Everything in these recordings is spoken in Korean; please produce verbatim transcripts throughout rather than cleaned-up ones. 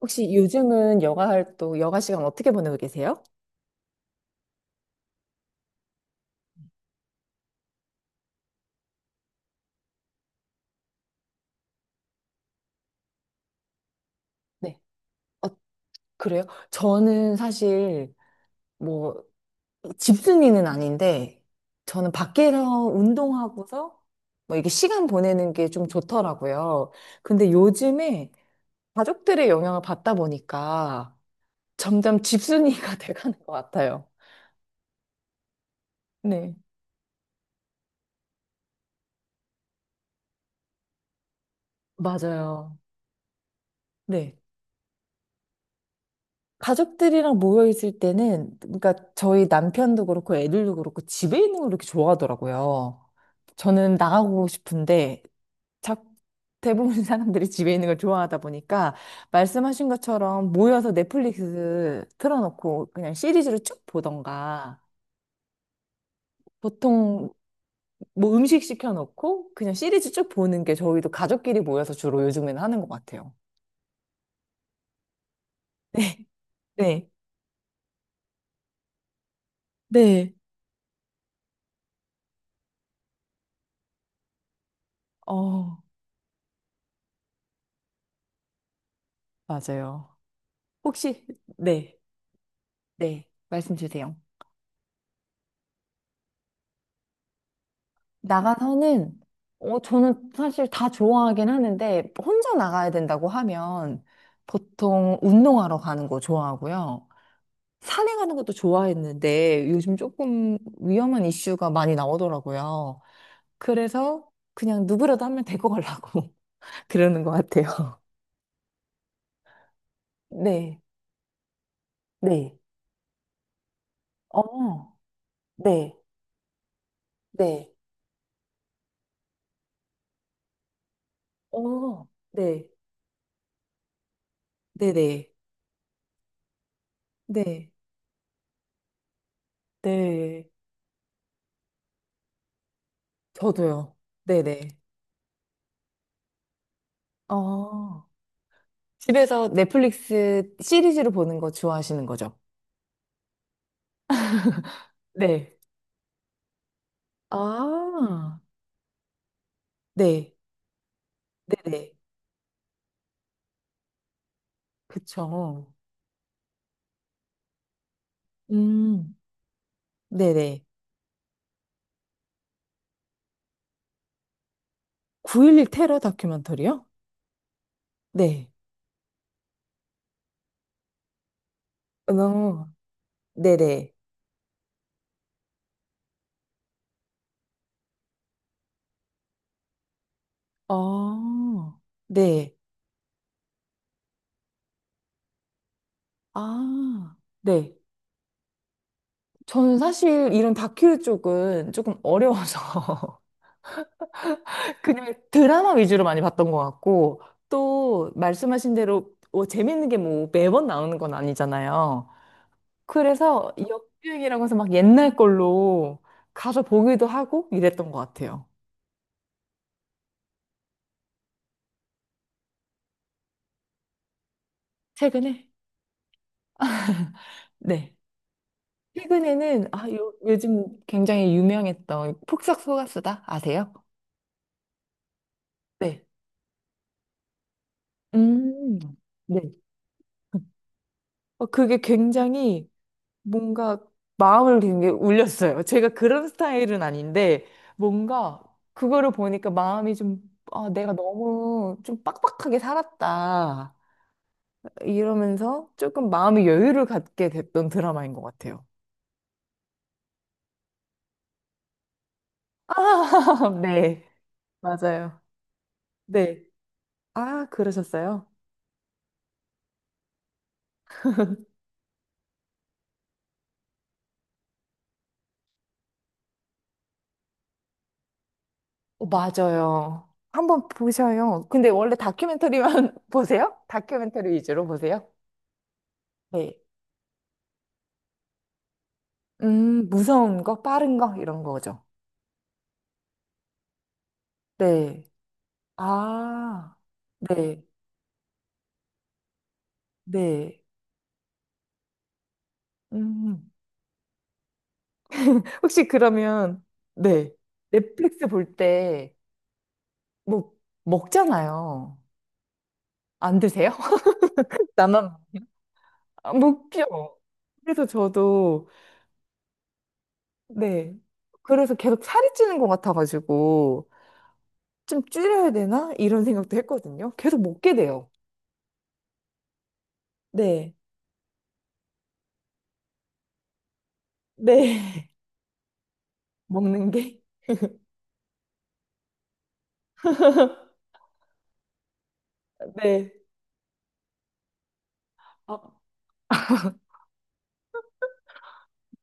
혹시 요즘은 여가 활동, 여가 시간 어떻게 보내고 계세요? 네. 어, 그래요? 저는 사실 뭐 집순이는 아닌데 저는 밖에서 운동하고서 뭐 이게 시간 보내는 게 좀 좋더라고요. 근데 요즘에 가족들의 영향을 받다 보니까 점점 집순이가 돼가는 것 같아요. 네. 맞아요. 네. 가족들이랑 모여 있을 때는, 그러니까 저희 남편도 그렇고 애들도 그렇고 집에 있는 걸 이렇게 좋아하더라고요. 저는 나가고 싶은데, 자, 대부분 사람들이 집에 있는 걸 좋아하다 보니까, 말씀하신 것처럼 모여서 넷플릭스 틀어놓고 그냥 시리즈를 쭉 보던가, 보통 뭐 음식 시켜놓고 그냥 시리즈 쭉 보는 게 저희도 가족끼리 모여서 주로 요즘에는 하는 것 같아요. 네, 네, 네. 어, 맞아요. 혹시, 네. 네, 말씀 주세요. 나가서는, 어, 저는 사실 다 좋아하긴 하는데, 혼자 나가야 된다고 하면 보통 운동하러 가는 거 좋아하고요. 산에 가는 것도 좋아했는데, 요즘 조금 위험한 이슈가 많이 나오더라고요. 그래서 그냥 누구라도 하면 데리고 가려고 그러는 것 같아요. 네, 네, 어, 네, 네, 어, 네, 네네, 네, 네, 저도요. 네네. 어. 집에서 넷플릭스 시리즈로 보는 거 좋아하시는 거죠? 네. 아, 네, 네네. 그쵸. 음, 네네. 구 점 일일 테러 다큐멘터리요? 네. 어, 네네. 어, 네. 아, 네. 저는 사실 이런 다큐 쪽은 조금 어려워서 그냥 드라마 위주로 많이 봤던 것 같고, 또 말씀하신 대로 뭐 재밌는 게 뭐 매번 나오는 건 아니잖아요. 그래서 역주행이라고 해서 막 옛날 걸로 가서 보기도 하고 이랬던 것 같아요. 최근에? 네. 최근에는 아, 요, 요즘 굉장히 유명했던 폭싹 속았수다 아세요? 네. 음, 네. 어, 그게 굉장히 뭔가 마음을 되게 울렸어요. 제가 그런 스타일은 아닌데 뭔가 그거를 보니까 마음이 좀 아, 내가 너무 좀 빡빡하게 살았다. 이러면서 조금 마음의 여유를 갖게 됐던 드라마인 것 같아요. 아, 네. 맞아요. 네. 아, 그러셨어요? 어, 맞아요. 한번 보셔요. 근데 원래 다큐멘터리만 보세요? 다큐멘터리 위주로 보세요? 네. 음, 무서운 거, 빠른 거, 이런 거죠. 네. 아, 네, 네. 음. 혹시 그러면, 네. 넷플릭스 볼 때, 뭐, 먹잖아요. 안 드세요? 나만 아, 먹죠. 그래서 저도, 네. 그래서 계속 살이 찌는 것 같아가지고, 좀 줄여야 되나? 이런 생각도 했거든요. 계속 먹게 돼요. 네. 네. 먹는 게. 네. 아,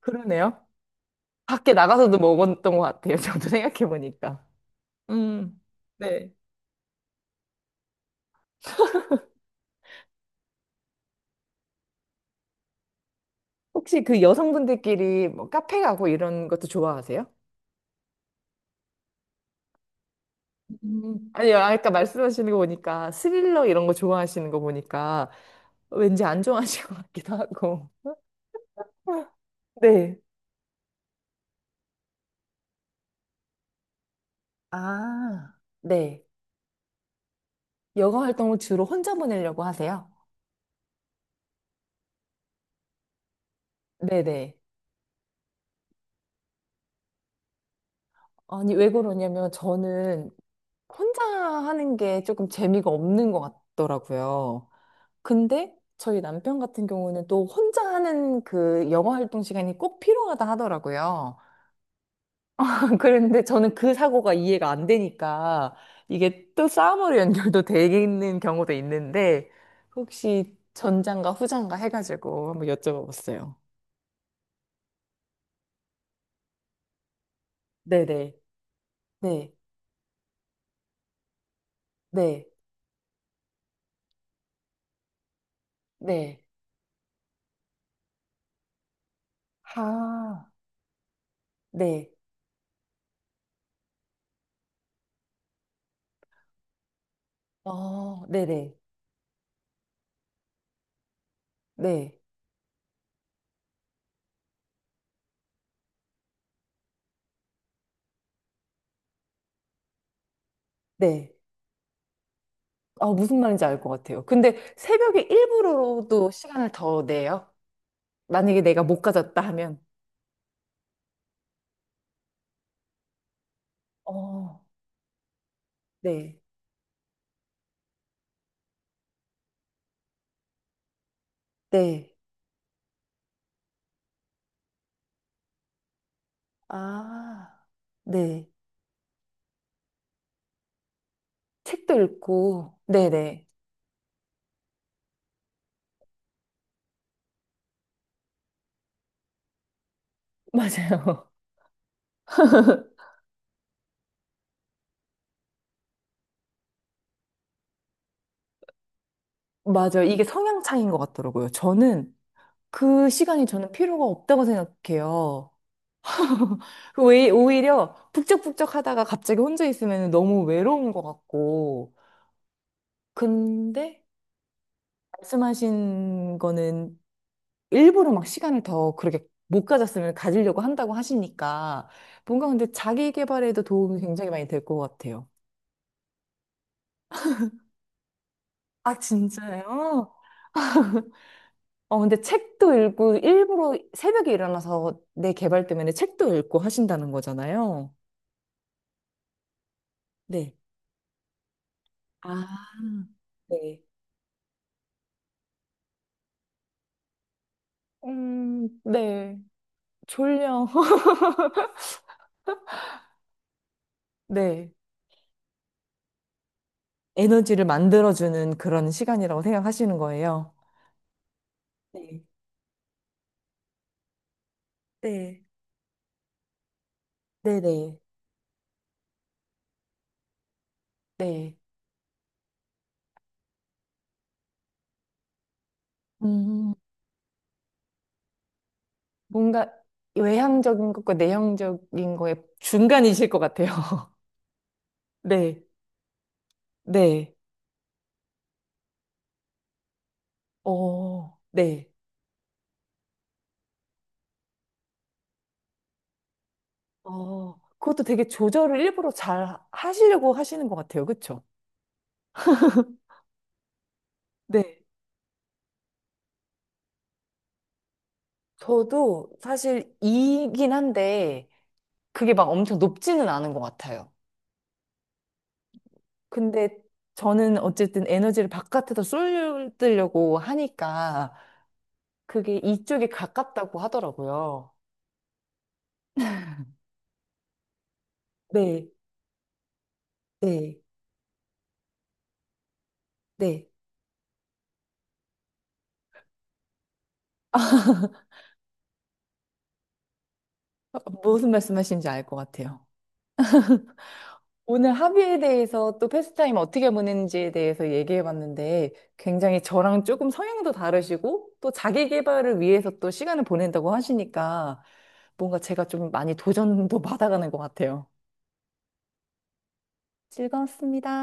그러네요. 밖에 나가서도 먹었던 것 같아요. 저도 생각해보니까. 음. 네. 혹시 그 여성분들끼리 뭐 카페 가고 이런 것도 좋아하세요? 음, 아니요, 아까 말씀하시는 거 보니까 스릴러 이런 거 좋아하시는 거 보니까 왠지 안 좋아하실 것 같기도 하고. 네. 아, 네. 여가 활동을 주로 혼자 보내려고 하세요? 네네. 아니, 왜 그러냐면 저는 혼자 하는 게 조금 재미가 없는 것 같더라고요. 근데 저희 남편 같은 경우는 또 혼자 하는 그 영어 활동 시간이 꼭 필요하다 하더라고요. 그런데 저는 그 사고가 이해가 안 되니까 이게 또 싸움으로 연결도 되는 경우도 있는데 혹시 전장과 후장과 해가지고 한번 여쭤봐봤어요. 네네. 네. 네. 네. 아, 네. 어, 네네. 네. 네. 아, 무슨 말인지 알 것 같아요. 근데 새벽에 일부러도 시간을 더 내요? 만약에 내가 못 가졌다 하면. 어, 네, 네. 아, 네. 책도 읽고, 네네. 맞아요. 맞아요. 이게 성향 차이인 것 같더라고요. 저는 그 시간이 저는 필요가 없다고 생각해요. 왜, 오히려 북적북적 하다가 갑자기 혼자 있으면 너무 외로운 것 같고. 근데 말씀하신 거는 일부러 막 시간을 더 그렇게 못 가졌으면 가지려고 한다고 하시니까 뭔가 근데 자기 개발에도 도움이 굉장히 많이 될 것 같아요. 아, 진짜요? 어, 근데 책도 읽고 일부러 새벽에 일어나서 내 개발 때문에 책도 읽고 하신다는 거잖아요. 네. 아, 네. 음, 네. 졸려. 네. 에너지를 만들어주는 그런 시간이라고 생각하시는 거예요. 네. 네. 네네. 네. 음. 뭔가 외향적인 것과 내향적인 거의 중간이실 것 같아요. 네, 네, 어, 네. 어, 그것도 되게 조절을 일부러 잘 하시려고 하시는 것 같아요. 그쵸? 네. 저도 사실 이긴 한데 그게 막 엄청 높지는 않은 것 같아요. 근데 저는 어쨌든 에너지를 바깥에서 쏠려고 하니까 그게 이쪽에 가깝다고 하더라고요. 네, 네, 네. 무슨 말씀하시는지 알 것 같아요. 오늘 합의에 대해서 또 패스타임 어떻게 보내는지에 대해서 얘기해 봤는데 굉장히 저랑 조금 성향도 다르시고 또 자기 개발을 위해서 또 시간을 보낸다고 하시니까 뭔가 제가 좀 많이 도전도 받아가는 것 같아요. 즐거웠습니다.